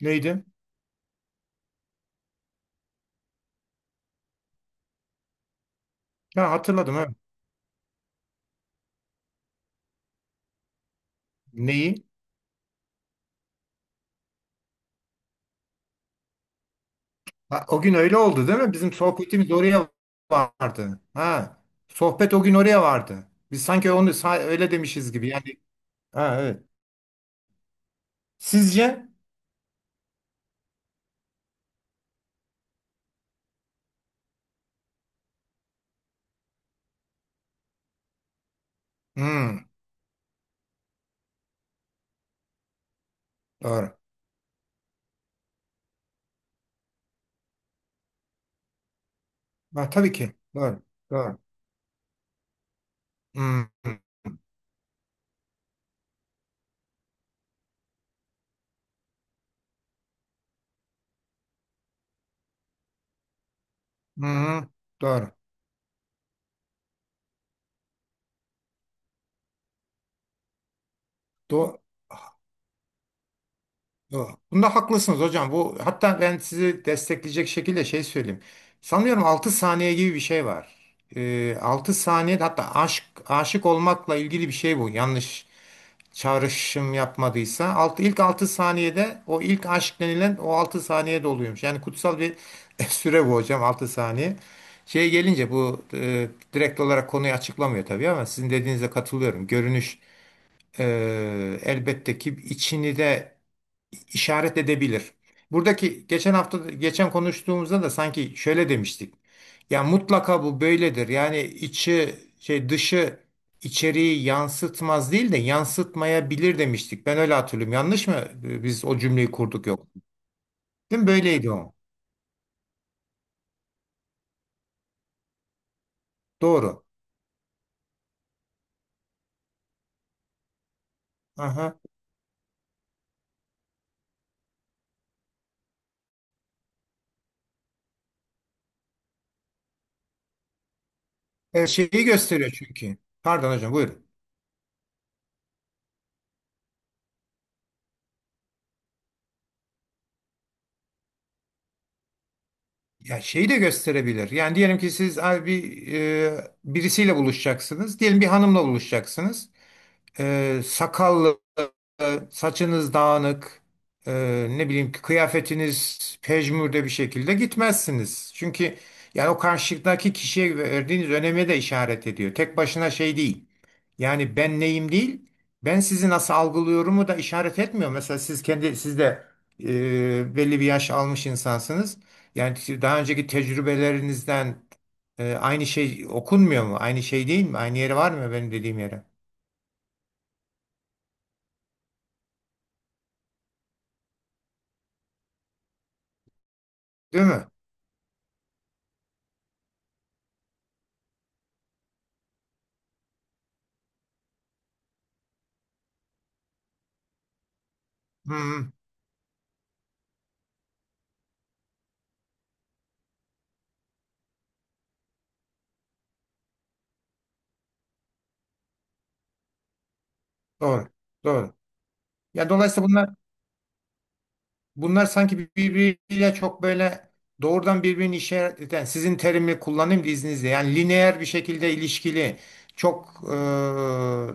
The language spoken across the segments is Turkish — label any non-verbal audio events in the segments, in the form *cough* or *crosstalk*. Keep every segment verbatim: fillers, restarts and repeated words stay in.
Neydi? Ha, hatırladım ha. Neyi? Ha, o gün öyle oldu değil mi? Bizim sohbetimiz oraya vardı. Ha. Sohbet o gün oraya vardı. Biz sanki onu sa- öyle demişiz gibi. Yani ha evet. Sizce? Hmm, doğru. Ha, tabii ki. Doğru. Doğru. Hmm, hmm, doğru. Doğru. Doğru. Bunda haklısınız hocam. Bu hatta ben sizi destekleyecek şekilde şey söyleyeyim. Sanıyorum altı saniye gibi bir şey var. Ee, altı saniye hatta aşk aşık olmakla ilgili bir şey bu. Yanlış çağrışım yapmadıysa altı, ilk altı saniyede o ilk aşk denilen o altı saniyede oluyormuş. Yani kutsal bir *laughs* süre bu hocam altı saniye. Şeye gelince bu e, direkt olarak konuyu açıklamıyor tabii ama sizin dediğinize katılıyorum. Görünüş e, elbette ki içini de işaret edebilir. Buradaki geçen hafta geçen konuştuğumuzda da sanki şöyle demiştik. Ya mutlaka bu böyledir. Yani içi şey dışı içeriği yansıtmaz değil de yansıtmayabilir demiştik. Ben öyle hatırlıyorum. Yanlış mı? Ee, Biz o cümleyi kurduk yok. Değil mi? Böyleydi o. Doğru. Aha. Evet, şeyi gösteriyor çünkü. Pardon hocam buyurun. Ya şeyi de gösterebilir. Yani diyelim ki siz abi bir e, birisiyle buluşacaksınız. Diyelim bir hanımla buluşacaksınız. E, sakallı, e, saçınız dağınık, e, ne bileyim ki kıyafetiniz pejmürde bir şekilde gitmezsiniz. Çünkü yani o karşıdaki kişiye verdiğiniz öneme de işaret ediyor. Tek başına şey değil. Yani ben neyim değil, ben sizi nasıl algılıyorumu da işaret etmiyor. Mesela siz kendi siz de e, belli bir yaş almış insansınız. Yani daha önceki tecrübelerinizden e, aynı şey okunmuyor mu? Aynı şey değil mi? Aynı yeri var mı benim dediğim yere? Değil mi? Hı hı. Doğru. Doğru. Ya dolayısıyla bunlar bunlar sanki birbiriyle çok böyle doğrudan birbirini işaret eden sizin terimi kullanayım da izninizle yani lineer bir şekilde ilişkili çok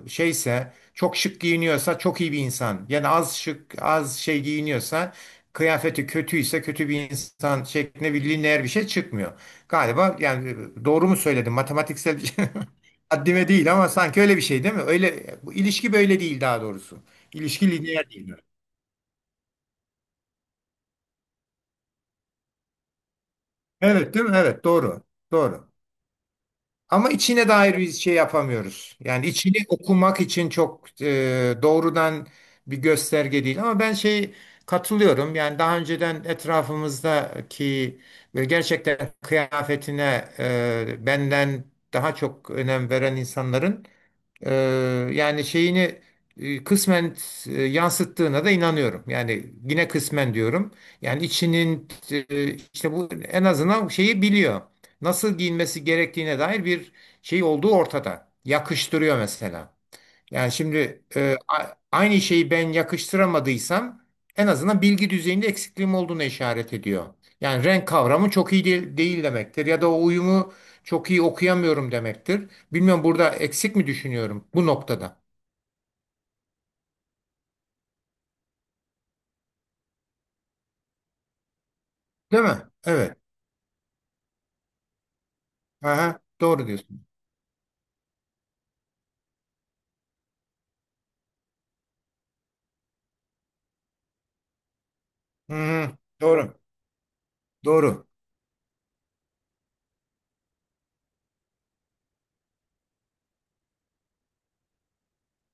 e, şeyse çok şık giyiniyorsa çok iyi bir insan yani az şık az şey giyiniyorsa kıyafeti kötüyse kötü bir insan şeklinde bir lineer bir şey çıkmıyor. Galiba yani doğru mu söyledim matematiksel bir şey *laughs* haddime değil ama sanki öyle bir şey değil mi? Öyle bu ilişki böyle değil daha doğrusu. İlişki lineer değil. Evet değil mi? Evet doğru. Doğru. Ama içine dair bir şey yapamıyoruz. Yani içini okumak için çok e, doğrudan bir gösterge değil. Ama ben şey katılıyorum. Yani daha önceden etrafımızdaki böyle gerçekten kıyafetine e, benden daha çok önem veren insanların ee, yani şeyini e, kısmen e, yansıttığına da inanıyorum. Yani yine kısmen diyorum. Yani içinin e, işte bu en azından şeyi biliyor. Nasıl giyinmesi gerektiğine dair bir şey olduğu ortada. Yakıştırıyor mesela. Yani şimdi e, a- aynı şeyi ben yakıştıramadıysam en azından bilgi düzeyinde eksikliğim olduğunu işaret ediyor. Yani renk kavramı çok iyi değil, değil demektir ya da o uyumu çok iyi okuyamıyorum demektir. Bilmiyorum burada eksik mi düşünüyorum bu noktada? Değil mi? Evet. Aha, doğru diyorsun. Hı-hı, doğru. Doğru.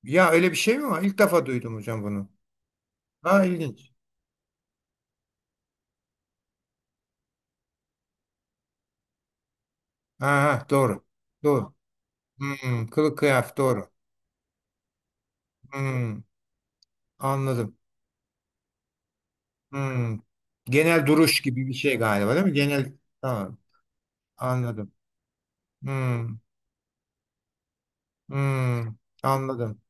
Ya öyle bir şey mi var? İlk defa duydum hocam bunu. Ha, ilginç. Aha, doğru. Doğru. Hmm, kılık kıyafet doğru. Hmm, anladım. Hmm. Genel duruş gibi bir şey galiba değil mi? Genel tamam anladım. Hmm. Hmm. Anladım.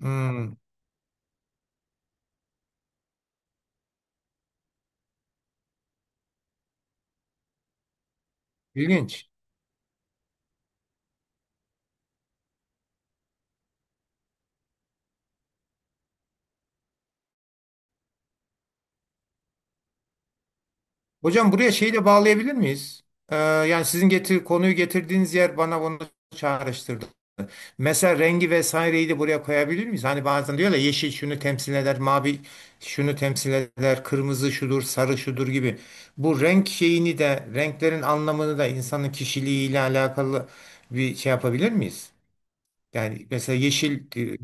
Hmm. İlginç. Hocam buraya şeyi de bağlayabilir miyiz? Ee, yani sizin getir, konuyu getirdiğiniz yer bana bunu çağrıştırdı. Mesela rengi vesaireyi de buraya koyabilir miyiz? Hani bazen diyorlar ya, yeşil şunu temsil eder, mavi şunu temsil eder, kırmızı şudur, sarı şudur gibi. Bu renk şeyini de, renklerin anlamını da insanın kişiliğiyle alakalı bir şey yapabilir miyiz? Yani mesela yeşil e,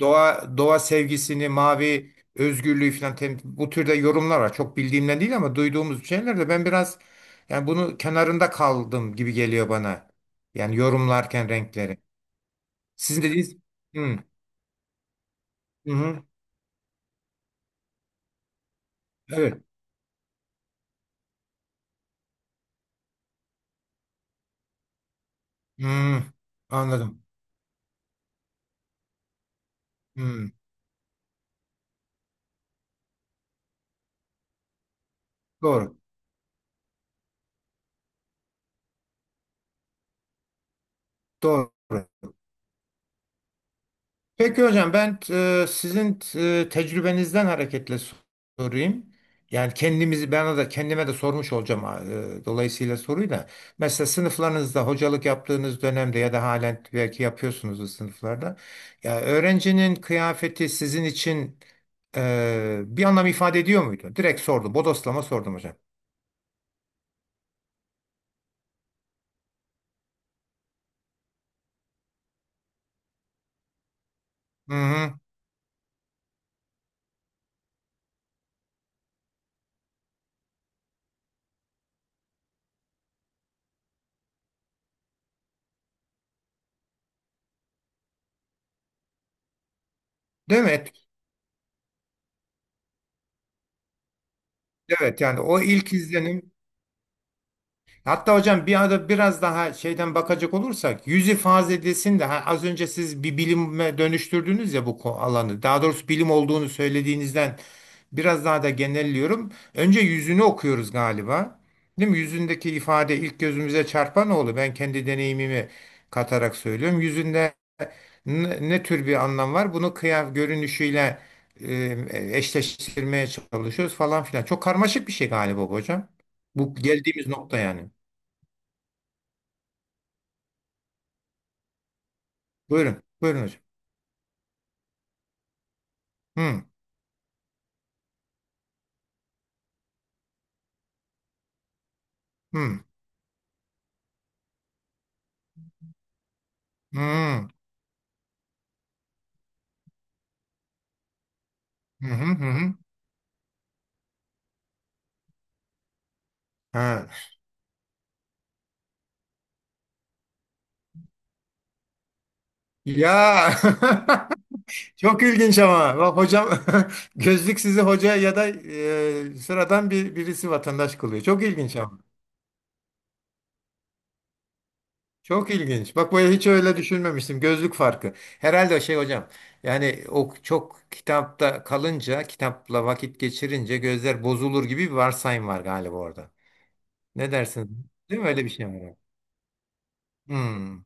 doğa doğa sevgisini, mavi özgürlüğü falan tem- bu türde yorumlar var. Çok bildiğimden değil ama duyduğumuz şeyler de ben biraz yani bunu kenarında kaldım gibi geliyor bana. Yani yorumlarken renkleri. Sizin dediğiniz hı hı. Hı. Evet. Hı, anladım. Hı, doğru. Doğru. Peki hocam ben e, sizin e, tecrübenizden hareketle sorayım. Yani kendimizi bana da kendime de sormuş olacağım e, dolayısıyla soruyu da. Mesela sınıflarınızda hocalık yaptığınız dönemde ya da halen belki yapıyorsunuz o sınıflarda. Ya öğrencinin kıyafeti sizin için e, bir anlam ifade ediyor muydu? Direkt sordum. Bodoslama sordum hocam. Hı hı. Değil mi? Evet yani o ilk izlenim. Hatta hocam bir arada biraz daha şeyden bakacak olursak yüz ifadesinde ha, az önce siz bir bilime dönüştürdünüz ya bu ko- alanı. Daha doğrusu bilim olduğunu söylediğinizden biraz daha da genelliyorum. Önce yüzünü okuyoruz galiba. Değil mi? Yüzündeki ifade ilk gözümüze çarpan oldu. Ben kendi deneyimimi katarak söylüyorum. Yüzünde ne, ne tür bir anlam var? Bunu kıyaf görünüşüyle e, eşleştirmeye çalışıyoruz falan filan. Çok karmaşık bir şey galiba bu hocam. Bu geldiğimiz nokta yani. Buyurun. Buyurun hocam. Hı. Hı. Hı. Hı hı hı. Hı. Ha. Ya *laughs* çok ilginç ama bak hocam *laughs* gözlük sizi hoca ya da e, sıradan bir birisi vatandaş kılıyor. Çok ilginç ama. Çok ilginç. Bak böyle hiç öyle düşünmemiştim. Gözlük farkı. Herhalde o şey hocam. Yani o çok kitapta kalınca, kitapla vakit geçirince gözler bozulur gibi bir varsayım var galiba orada. Ne dersiniz? Değil mi? Öyle bir şey var. Hmm.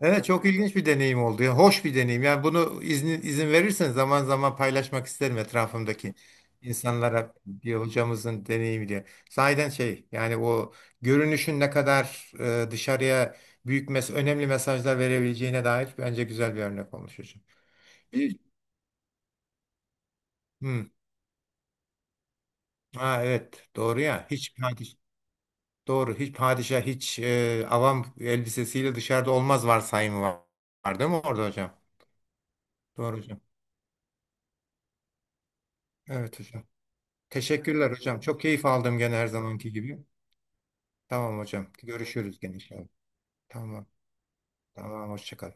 Evet çok ilginç bir deneyim oldu. Yani hoş bir deneyim. Yani bunu izin, izin verirseniz zaman zaman paylaşmak isterim etrafımdaki insanlara bir hocamızın deneyimi diye. Sahiden şey yani o görünüşün ne kadar e, dışarıya büyük mes önemli mesajlar verebileceğine dair bence güzel bir örnek olmuş hocam. Hiç- Hı. Ha, evet doğru ya. Hiç padişah, doğru hiç padişah hiç e, avam elbisesiyle dışarıda olmaz varsayımı var, var değil mi orada hocam? Doğru hocam. Evet hocam. Teşekkürler hocam. Çok keyif aldım gene her zamanki gibi. Tamam hocam. Görüşürüz gene inşallah. Tamam. Tamam. Hoşça kal.